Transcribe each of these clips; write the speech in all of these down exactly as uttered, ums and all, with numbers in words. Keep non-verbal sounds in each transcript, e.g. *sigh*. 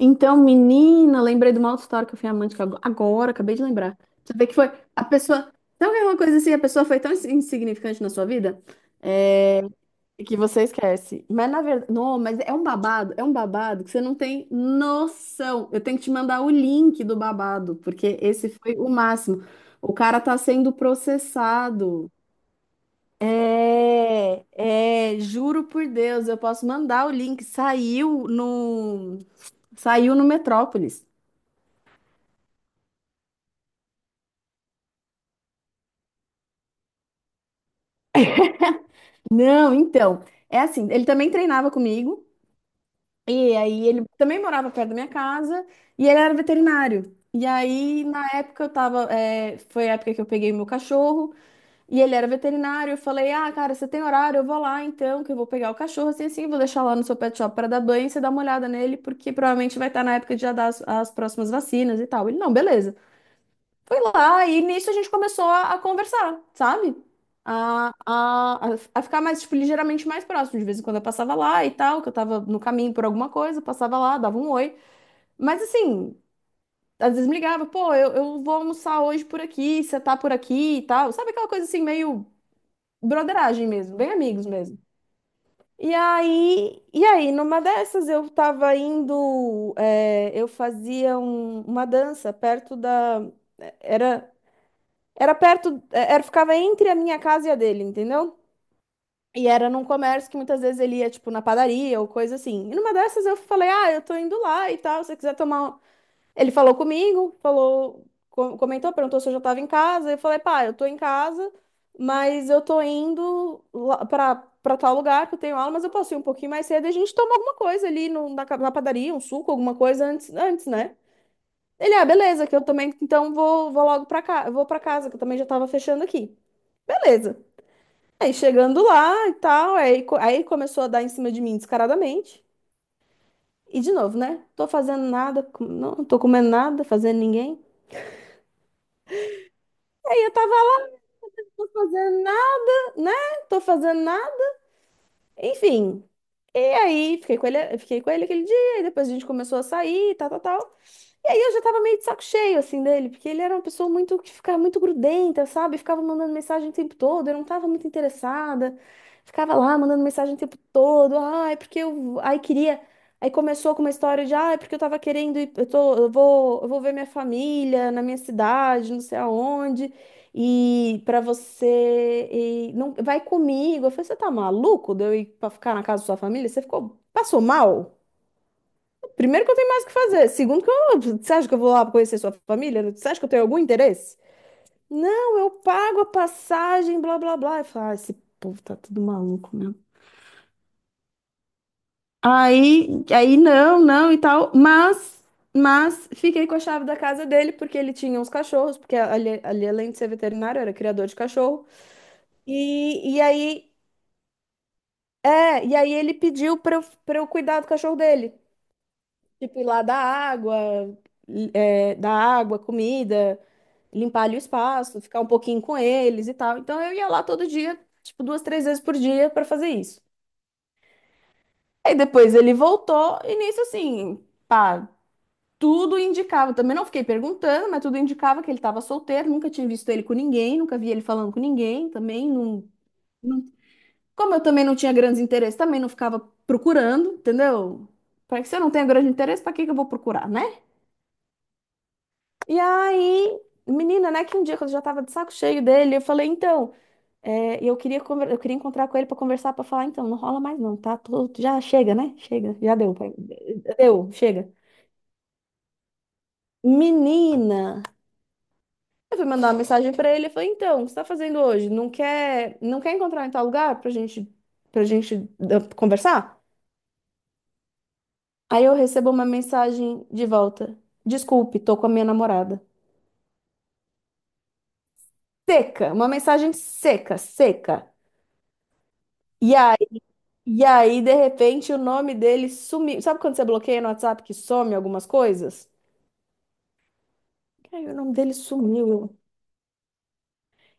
Então, menina, lembrei de uma outra história que eu fui amante que ago- agora, acabei de lembrar. Você vê que foi a pessoa. Sabe que é uma coisa assim? A pessoa foi tão ins- insignificante na sua vida, é, que você esquece. Mas na verdade. Não, mas é um babado, é um babado que você não tem noção. Eu tenho que te mandar o link do babado, porque esse foi o máximo. O cara tá sendo processado. É, é, juro por Deus, eu posso mandar o link. Saiu no, saiu no Metrópolis. Não, então, é assim, ele também treinava comigo, e aí ele também morava perto da minha casa, e ele era veterinário. E aí, na época, eu tava, é, foi a época que eu peguei meu cachorro, e ele era veterinário, eu falei, ah, cara, você tem horário, eu vou lá então, que eu vou pegar o cachorro, assim, assim, vou deixar lá no seu pet shop para dar banho, e você dá uma olhada nele, porque provavelmente vai estar na época de já dar as, as próximas vacinas e tal. Ele, não, beleza. Foi lá e nisso a gente começou a, a conversar, sabe? A, a, a a ficar mais, tipo, ligeiramente mais próximo. De vez em quando eu passava lá e tal, que eu tava no caminho por alguma coisa, passava lá, dava um oi. Mas assim, às vezes me ligava, pô, eu, eu vou almoçar hoje por aqui, você tá por aqui e tal. Sabe aquela coisa assim, meio broderagem mesmo, bem amigos mesmo. E aí, e aí, numa dessas eu tava indo, é, eu fazia um- uma dança perto da, eh, era era perto, é, era, ficava entre a minha casa e a dele, entendeu? E era num comércio que muitas vezes ele ia, tipo, na padaria ou coisa assim. E numa dessas eu falei, ah, eu tô indo lá e tal, se você quiser tomar. um-" Ele falou comigo, falou, co- comentou, perguntou se eu já tava em casa. Eu falei, pá, eu tô em casa, mas eu tô indo lá pra, pra tal lugar que eu tenho aula, mas eu posso ir um pouquinho mais cedo e a gente toma alguma coisa ali no, na, ca- na padaria, um suco, alguma coisa antes, antes, né? Ele, ah, beleza, que eu também, então vou, vou logo pra cá, eu vou pra casa, que eu também já tava fechando aqui. Beleza. Aí chegando lá e tal, aí, co- aí começou a dar em cima de mim descaradamente. E de novo, né? Tô fazendo nada, com- não não tô comendo nada, fazendo ninguém. Aí eu tava lá, tô fazendo nada, né? Tô fazendo nada. Enfim. E aí fiquei com ele, fiquei com ele aquele dia, e depois a gente começou a sair, tal, tal, tal. E aí eu já tava meio de saco cheio, assim, dele, porque ele era uma pessoa muito que ficava muito grudenta, sabe? Ficava mandando mensagem o tempo todo, eu não tava muito interessada. Ficava lá mandando mensagem o tempo todo. Ai, porque eu. Aí queria. Aí começou com uma história de, ai, porque eu tava querendo ir, eu tô, eu vou, eu vou ver minha família na minha cidade, não sei aonde. E pra você e não vai comigo. Eu falei, você tá maluco de eu ir pra ficar na casa da sua família? Você ficou, passou mal? Primeiro que eu tenho mais o que fazer. Segundo que eu, você acha que eu vou lá conhecer sua família? Você acha que eu tenho algum interesse? Não, eu pago a passagem, blá, blá, blá. E fala, ah, esse povo tá tudo maluco mesmo. Aí, aí não, não e tal. Mas, mas fiquei com a chave da casa dele porque ele tinha uns cachorros, porque ali, ali além de ser veterinário, era criador de cachorro. E, e aí, é, e aí ele pediu pra eu, pra eu cuidar do cachorro dele. Tipo, ir lá dar água, é, dar água, comida, limpar ali o espaço, ficar um pouquinho com eles e tal. Então eu ia lá todo dia, tipo, duas, três vezes por dia para fazer isso. Aí depois ele voltou e nisso assim, pá, tudo indicava. Também não fiquei perguntando, mas tudo indicava que ele estava solteiro, nunca tinha visto ele com ninguém, nunca vi ele falando com ninguém, também não. Como eu também não tinha grandes interesses, também não ficava procurando, entendeu? Para que se eu não tenho grande interesse, para que que eu vou procurar, né? E aí, menina, né, que um dia quando eu já tava de saco cheio dele, eu falei, então, é, e eu queria, conver- eu queria encontrar com ele para conversar, para falar, então, não rola mais não, tá? Tô- já chega, né? Chega, já deu, pai. Deu, chega. Menina, eu fui mandar uma mensagem para ele, eu falei, então, o que você tá fazendo hoje? Não quer, não quer encontrar em tal lugar pra gente, pra gente eh, conversar? Aí eu recebo uma mensagem de volta. Desculpe, tô com a minha namorada. Seca, uma mensagem seca, seca. E aí, e aí, de repente, o nome dele sumiu. Sabe quando você bloqueia no WhatsApp que some algumas coisas? Aí o nome dele sumiu. eu-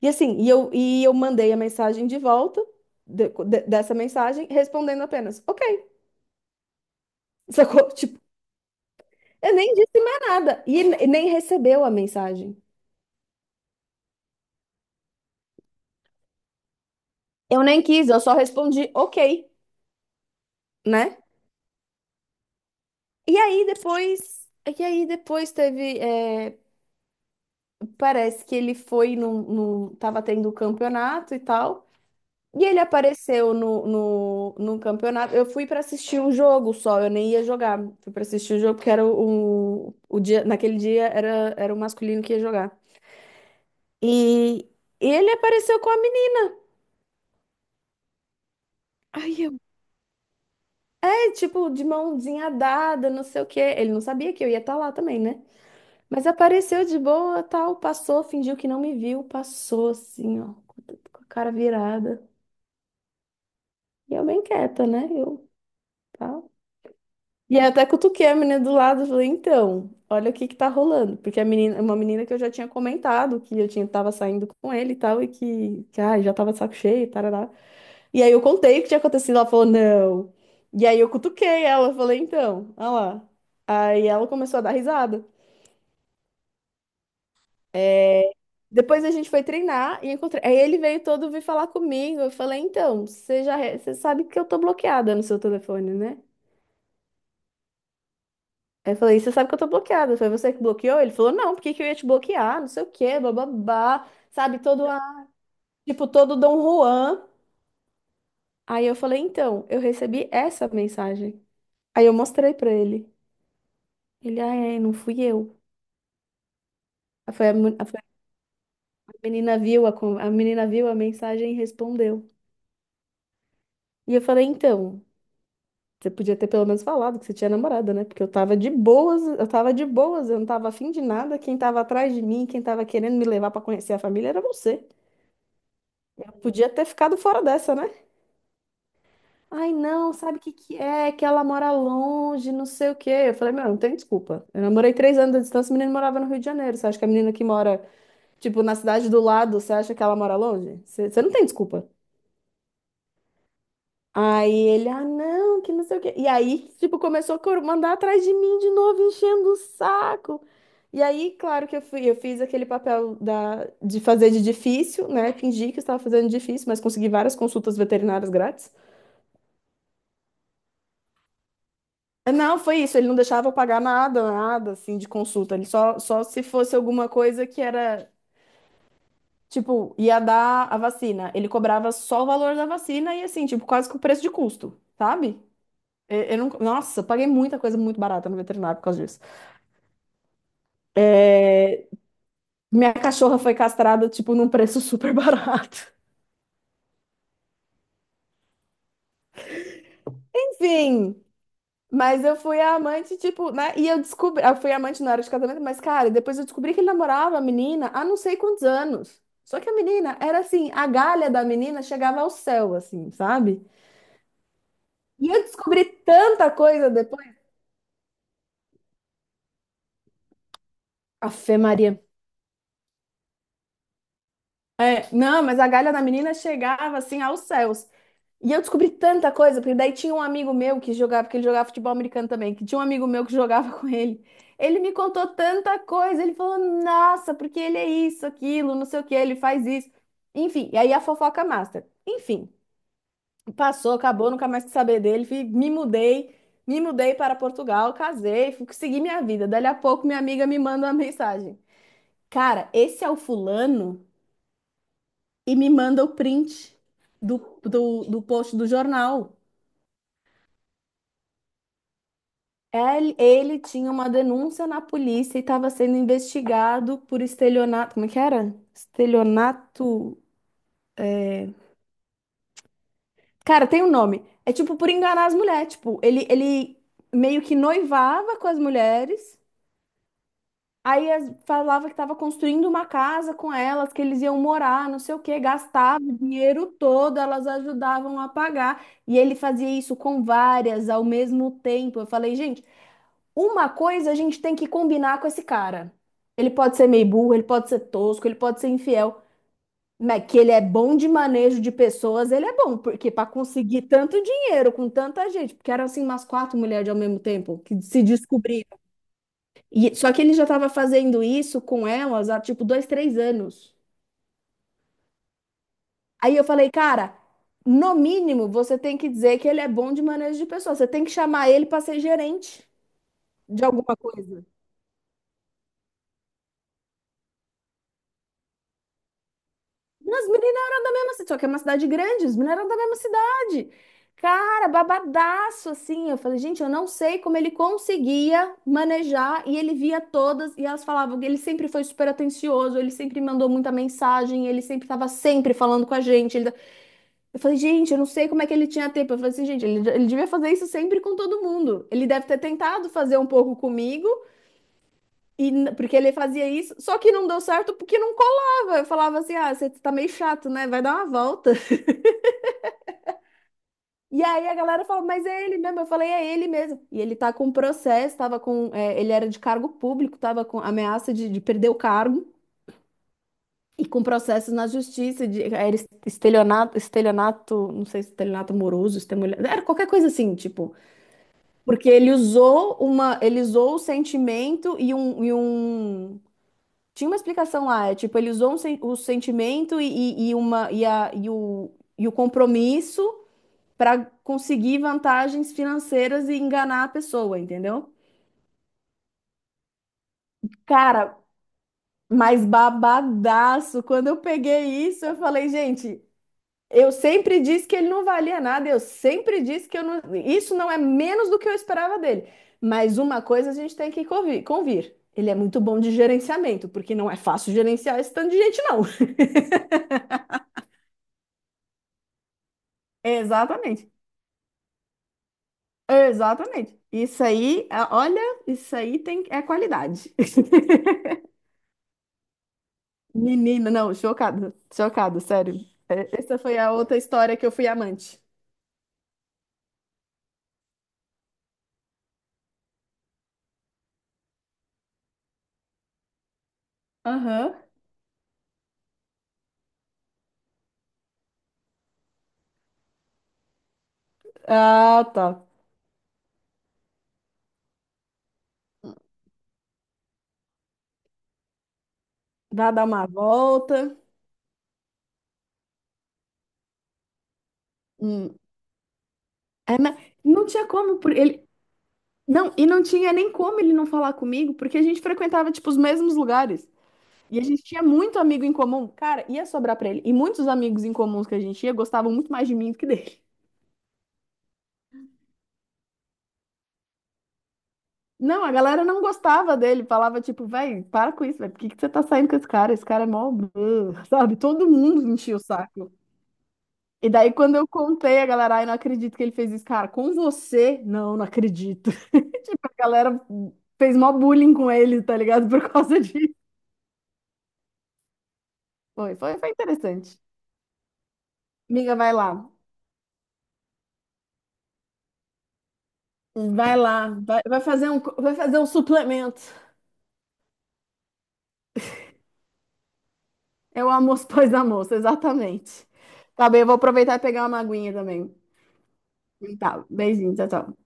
E assim, e eu, e eu mandei a mensagem de volta de- de- dessa mensagem, respondendo apenas, ok. *laughs* Sacou? Tipo, eu nem disse mais nada. E ele nem recebeu a mensagem. Eu nem quis, eu só respondi, ok, né? E aí depois. E aí depois teve. É, parece que ele foi num, num. Tava tendo um campeonato e tal. E ele apareceu no, no, no campeonato. Eu fui para assistir um jogo só, eu nem ia jogar. Fui para assistir o jogo porque era o, o dia, naquele dia era, era o masculino que ia jogar. E ele apareceu com a menina. Ai, eu... é, tipo, de mãozinha dada, não sei o quê. Ele não sabia que eu ia estar lá também, né? Mas apareceu de boa, tal, passou, fingiu que não me viu, passou assim, ó, com a com a cara virada. E eu bem quieta, né? Eu, tá. E aí eu até cutuquei a menina do lado, e falei, então, olha o que que tá rolando. Porque a menina, uma menina que eu já tinha comentado que eu tinha, tava saindo com ele e tal, e que, que ai, já tava de saco cheio, tarará. E aí eu contei o que tinha acontecido, ela falou, não. E aí eu cutuquei ela, falei, então, olha lá. Aí ela começou a dar risada. É, Depois a gente foi treinar e encontrei. Aí ele veio todo vir falar comigo. Eu falei, então, você já re- você sabe que eu tô bloqueada no seu telefone, né? Aí eu falei, você sabe que eu tô bloqueada. Foi você que bloqueou? Ele falou, não, por que que eu ia te bloquear? Não sei o quê, bababá. Sabe, todo, a- tipo, todo Dom Juan. Aí eu falei, então, eu recebi essa mensagem. Aí eu mostrei pra ele. Ele, ah, é, não fui eu. Aí Foi a, mu- a- foi a menina viu a, con- a menina viu a mensagem e respondeu. E eu falei, então, você podia ter pelo menos falado que você tinha namorada, né? Porque eu tava de boas, eu tava de boas, eu não tava afim de nada. Quem tava atrás de mim, quem tava querendo me levar pra conhecer a família era você. Eu podia ter ficado fora dessa, né? Ai, não, sabe o que que é? Que ela mora longe, não sei o quê. Eu falei, meu, não tem desculpa. Eu namorei três anos de distância, o menino morava no Rio de Janeiro. Você acha que a menina que mora, tipo, na cidade do lado, você acha que ela mora longe? Você, você não tem desculpa. Aí ele, ah, não, que não sei o quê. E aí, tipo, começou a cor- mandar atrás de mim de novo, enchendo o saco. E aí, claro que eu fui, eu fiz aquele papel da, de fazer de difícil, né? Fingi que eu estava fazendo de difícil, mas consegui várias consultas veterinárias grátis. Não, foi isso. Ele não deixava eu pagar nada, nada assim de consulta. Ele só, só se fosse alguma coisa que era, tipo, ia dar a vacina. Ele cobrava só o valor da vacina e assim, tipo, quase que o preço de custo, sabe? Eu, eu não, nossa, eu paguei muita coisa muito barata no veterinário por causa disso. É, minha cachorra foi castrada, tipo, num preço super barato. *laughs* Enfim. Mas eu fui a amante, tipo, né? E eu descobri. Eu fui amante na hora de casamento, mas, cara, depois eu descobri que ele namorava a menina há não sei quantos anos. Só que a menina era assim, a galha da menina chegava ao céu, assim, sabe? E eu descobri tanta coisa depois. Fé Maria. É, não, mas a galha da menina chegava assim aos céus. E eu descobri tanta coisa, porque daí tinha um amigo meu que jogava, porque ele jogava futebol americano também, que tinha um amigo meu que jogava *laughs* com ele. Ele me contou tanta coisa, ele falou, nossa, porque ele é isso, aquilo, não sei o que, ele faz isso. Enfim, e aí a fofoca master. Enfim, passou, acabou, nunca mais quis saber dele, fui- me mudei, me mudei para Portugal, casei, fui- segui minha vida. Dali a pouco minha amiga me manda uma mensagem. Cara, esse é o fulano? E me manda o print do, do, do post do jornal. Ele, ele tinha uma denúncia na polícia e estava sendo investigado por estelionato. Como é que era? Estelionato. É. Cara, tem um nome. É tipo por enganar as mulheres. Tipo, ele, ele meio que noivava com as mulheres. Aí as- falava que estava construindo uma casa com elas, que eles iam morar, não sei o quê, gastava o dinheiro todo, elas ajudavam a pagar. E ele fazia isso com várias ao mesmo tempo. Eu falei, gente, uma coisa a gente tem que combinar com esse cara. Ele pode ser meio burro, ele pode ser tosco, ele pode ser infiel, mas que ele é bom de manejo de pessoas, ele é bom, porque para conseguir tanto dinheiro com tanta gente, porque eram assim umas quatro mulheres ao mesmo tempo que se descobriram. E, só que ele já estava fazendo isso com elas há tipo dois, três anos. Aí eu falei, cara, no mínimo você tem que dizer que ele é bom de manejo de pessoas. Você tem que chamar ele para ser gerente de alguma coisa. As meninas eram da mesma cidade, só que é uma cidade grande, as meninas eram da mesma cidade. Cara, babadaço assim. Eu falei, gente, eu não sei como ele conseguia manejar e ele via todas e elas falavam que ele sempre foi super atencioso, ele sempre mandou muita mensagem, ele sempre estava sempre falando com a gente. ele- Eu falei, gente, eu não sei como é que ele tinha tempo. Eu falei assim, gente, ele, ele devia fazer isso sempre com todo mundo. Ele deve ter tentado fazer um pouco comigo, e n- porque ele fazia isso, só que não deu certo porque não colava. Eu falava assim, ah, você tá meio chato, né? Vai dar uma volta. *laughs* E aí a galera falou, mas é ele mesmo. Eu falei, é ele mesmo. E ele tá com um processo, tava com, é, ele era de cargo público, tava com ameaça de, de perder o cargo. E com processos na justiça, de, era estelionato, estelionato, não sei, estelionato amoroso, estelionato, era qualquer coisa assim, tipo, porque ele usou uma, ele usou o sentimento e um, e um... Tinha uma explicação lá, é tipo, ele usou um sen- o sentimento, e, e, e uma, e, a, e, o, e o compromisso para conseguir vantagens financeiras e enganar a pessoa, entendeu? Cara, mas babadaço, quando eu peguei isso, eu falei, gente, eu sempre disse que ele não valia nada, eu sempre disse que eu não. Isso não é menos do que eu esperava dele. Mas uma coisa a gente tem que convi- convir. Ele é muito bom de gerenciamento, porque não é fácil gerenciar esse tanto de gente, não. *laughs* Exatamente. Exatamente. Isso aí, ah, olha, isso aí tem, é qualidade. *laughs* Menina, não, chocada, chocada, sério. É, essa foi a outra história que eu fui amante. Aham. Ah, tá. Vai dar uma volta. Hum. É, mas não tinha como, por ele. Não, e não tinha nem como ele não falar comigo, porque a gente frequentava, tipo, os mesmos lugares. E a gente tinha muito amigo em comum. Cara, ia sobrar pra ele. E muitos amigos em comuns que a gente ia gostavam muito mais de mim do que dele. Não, a galera não gostava dele. Falava, tipo, véi, para com isso, velho. Por que que você tá saindo com esse cara? Esse cara é mó... blá", sabe? Todo mundo enchia o saco. E daí, quando eu contei, a galera, ai, não acredito que ele fez isso. Cara, com você? Não, não acredito. *laughs* A galera fez mó bullying com ele, tá ligado? Por causa disso. Foi, foi, foi interessante. Amiga, vai lá. Vai lá. Vai, vai fazer um, vai fazer um suplemento. É o almoço *laughs* pós almoço, exatamente. Tá bem, eu vou aproveitar e pegar uma aguinha também. Tá, beijinho, tchau, tchau.